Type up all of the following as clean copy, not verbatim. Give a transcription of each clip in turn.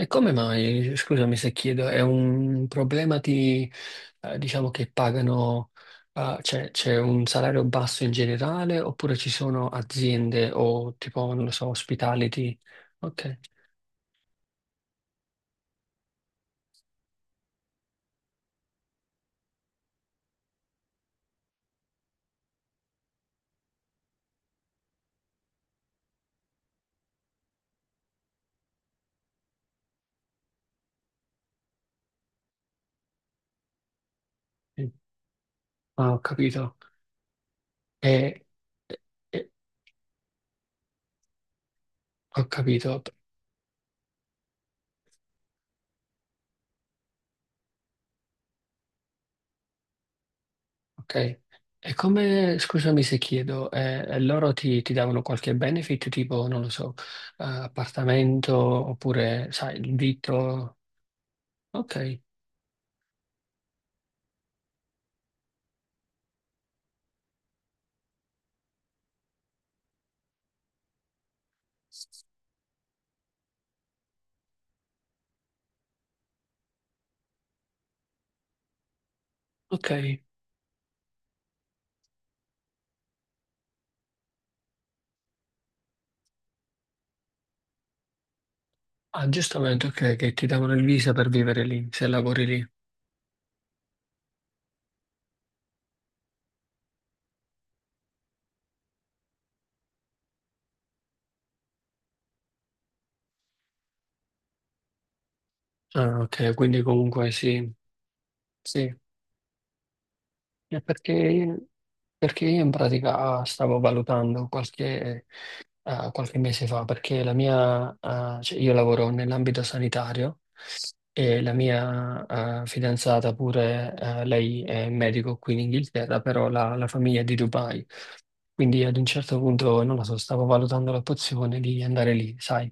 E come mai, scusami se chiedo, è un problema di, diciamo che pagano, c'è un salario basso in generale oppure ci sono aziende o tipo, non lo so, ospitality? Ok, sì. Ah, ho capito. E, e- e- Ho capito, ok. E come, scusami se chiedo, e loro ti davano qualche benefit, tipo, non lo so, appartamento oppure, sai, il vitto? Ok, ok. Ah, giustamente, ok, che ti davano il visa per vivere lì, se lavori lì. Ah, ok, quindi comunque sì, sì. Eh, Perché, perché io in pratica stavo valutando qualche, qualche mese fa, perché la mia, cioè io lavoro nell'ambito sanitario e la mia, fidanzata pure, lei è medico qui in Inghilterra, però la famiglia è di Dubai. Quindi ad un certo punto, non lo so, stavo valutando l'opzione di andare lì, sai.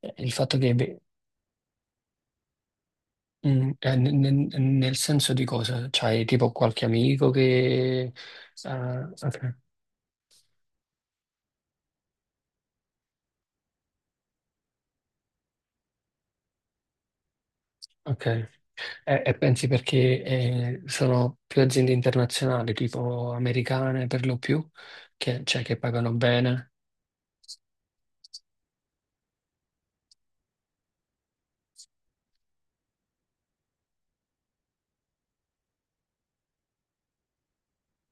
Il fatto che beh. Nel senso di cosa? C'hai tipo qualche amico che... Ah, ok, ok. E pensi perché sono più aziende internazionali, tipo americane per lo più, che, cioè, che pagano bene?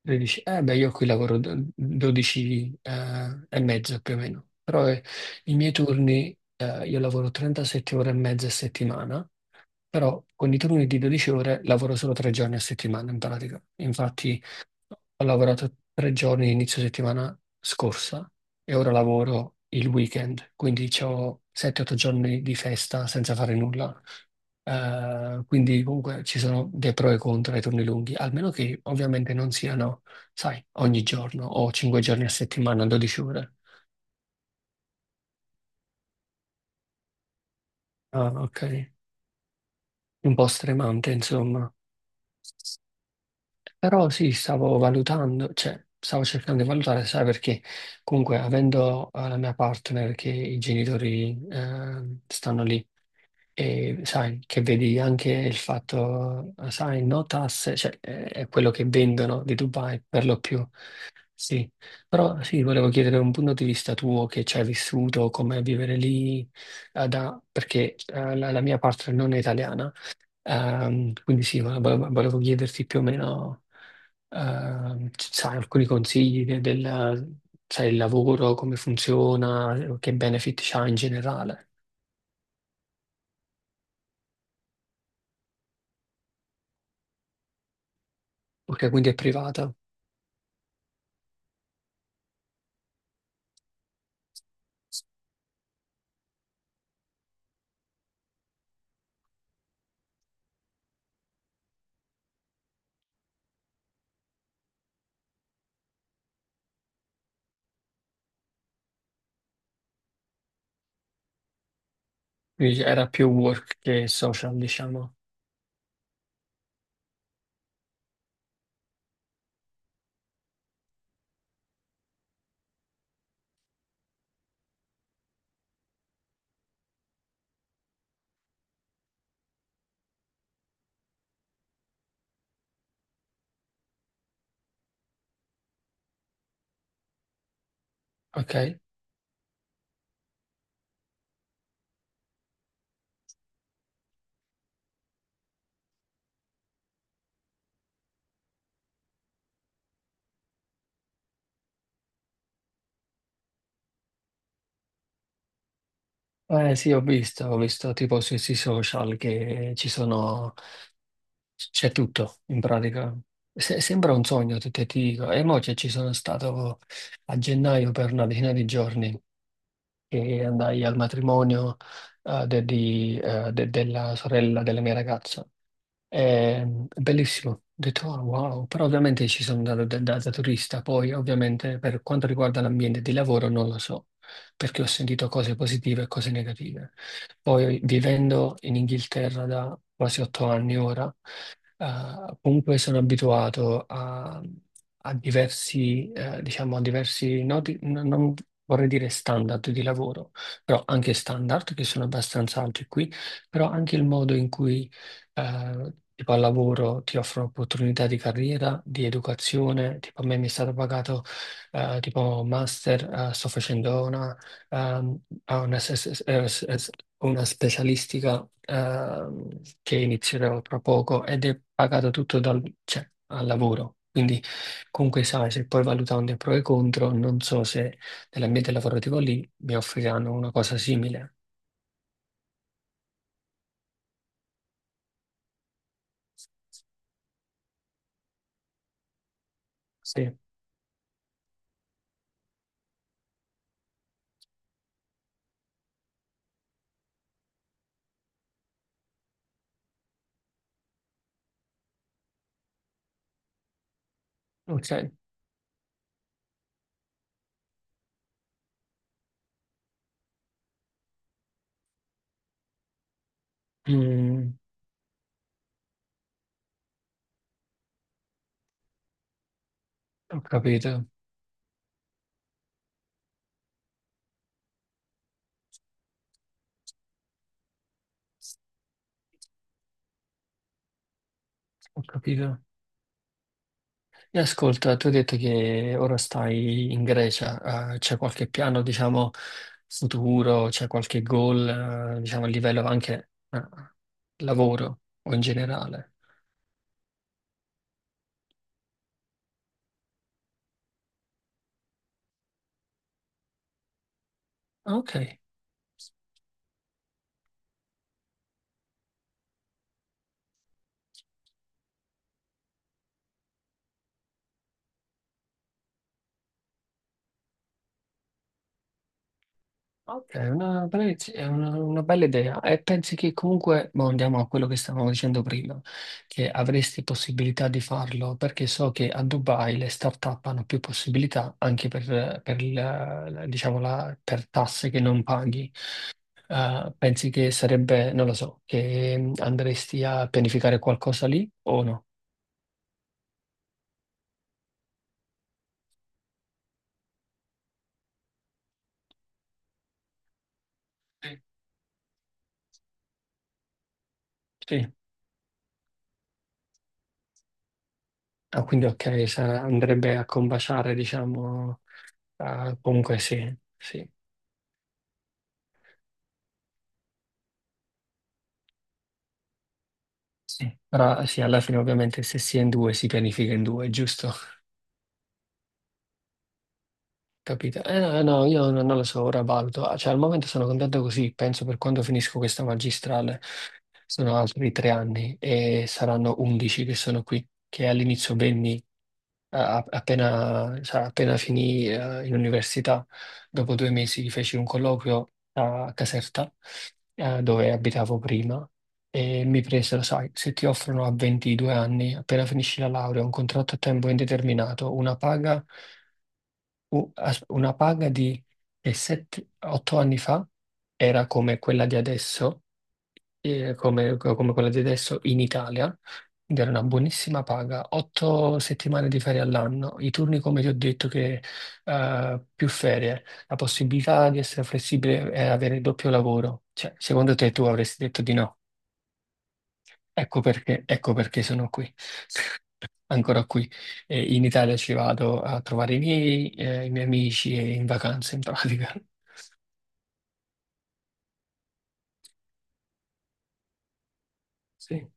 E dici, eh beh, io qui lavoro 12 e mezzo più o meno, però i miei turni, io lavoro 37 ore e mezza a settimana, però con i turni di 12 ore lavoro solo 3 giorni a settimana in pratica. Infatti ho lavorato 3 giorni inizio settimana scorsa e ora lavoro il weekend, quindi ho 7-8 giorni di festa senza fare nulla. Quindi comunque ci sono dei pro e contro ai turni lunghi, almeno che ovviamente non siano, sai, ogni giorno o 5 giorni a settimana, 12 ore. Ah, ok. Un po' stremante, insomma. Però sì, stavo valutando, cioè stavo cercando di valutare, sai, perché comunque avendo la mia partner che i genitori stanno lì e sai che vedi anche il fatto, sai, no tasse, cioè è quello che vendono di Dubai per lo più, sì. Però sì, volevo chiedere un punto di vista tuo che ci hai vissuto, com'è vivere lì, perché la mia partner non è italiana. Quindi sì, ma volevo chiederti più o meno, sai, alcuni consigli del, sai, il lavoro, come funziona, che benefit c'ha in generale. Ok, quindi è privata, quindi era più work che social, diciamo. Ok? Eh sì, ho visto tipo sui social che ci sono, c'è tutto in pratica. Sembra un sogno, te ti dico. E mo' che ci sono stato a gennaio per una decina di giorni e andai al matrimonio della sorella della mia ragazza. È bellissimo, ho detto "Oh, wow", però ovviamente ci sono andato da, da turista, poi ovviamente per quanto riguarda l'ambiente di lavoro non lo so, perché ho sentito cose positive e cose negative. Poi vivendo in Inghilterra da quasi 8 anni ora, comunque sono abituato a diversi, diciamo, a diversi, no, non vorrei dire standard di lavoro, però anche standard che sono abbastanza alti qui, però anche il modo in cui tipo al lavoro ti offrono opportunità di carriera, di educazione, tipo a me mi è stato pagato tipo master, sto facendo una, ehm, a una, s- s- s- s- una specialistica che inizierò tra poco ed è pagato tutto dal, cioè, al lavoro. Quindi comunque sai, se poi valutando i pro e i contro, non so se nell'ambiente lavorativo lì mi offriranno una cosa simile. Sì, ok. Mm, Ho capito. Ho capito. E ascolta, tu hai detto che ora stai in Grecia, c'è qualche piano, diciamo, futuro, c'è qualche goal, diciamo, a livello anche, lavoro o in generale? Ah, ok, ok, è una bella, una bella idea. E pensi che comunque, boh, andiamo a quello che stavamo dicendo prima, che avresti possibilità di farlo, perché so che a Dubai le start-up hanno più possibilità anche per diciamo, per tasse che non paghi. Pensi che sarebbe, non lo so, che andresti a pianificare qualcosa lì o no? Sì. Sì. Ah, quindi ok, andrebbe a combaciare, diciamo, ah, comunque sì, sì, sì. Però sì, alla fine ovviamente se si è in due si pianifica in due, giusto? Capito? Eh no, no, io non lo so, ora valuto. Ah, cioè al momento sono contento così, penso per quando finisco questa magistrale. Sono altri 3 anni e saranno 11 che sono qui, che all'inizio venni appena, cioè, appena finì in università, dopo 2 mesi feci un colloquio a Caserta, dove abitavo prima, e mi presero, sai, se ti offrono a 22 anni, appena finisci la laurea, un contratto a tempo indeterminato, una paga, una paga di 8 anni fa era come quella di adesso come quella di adesso in Italia, ed era una buonissima paga, 8 settimane di ferie all'anno, i turni come ti ho detto che più ferie, la possibilità di essere flessibile e avere il doppio lavoro. Cioè, secondo te tu avresti detto di no? Ecco perché sono qui, ancora qui. E in Italia ci vado a trovare i miei amici e in vacanza in pratica. Sì.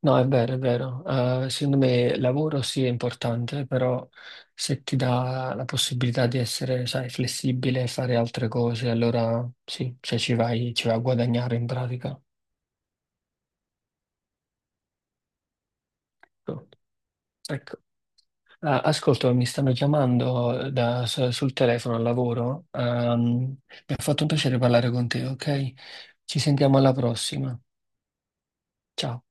No, è vero, è vero. Secondo me lavoro sì è importante, però se ti dà la possibilità di essere, sai, flessibile e fare altre cose, allora sì, cioè ci vai a guadagnare in pratica. Ecco. Ah, ascolto, mi stanno chiamando sul telefono al lavoro. Mi ha fatto un piacere parlare con te, ok? Ci sentiamo alla prossima. Ciao.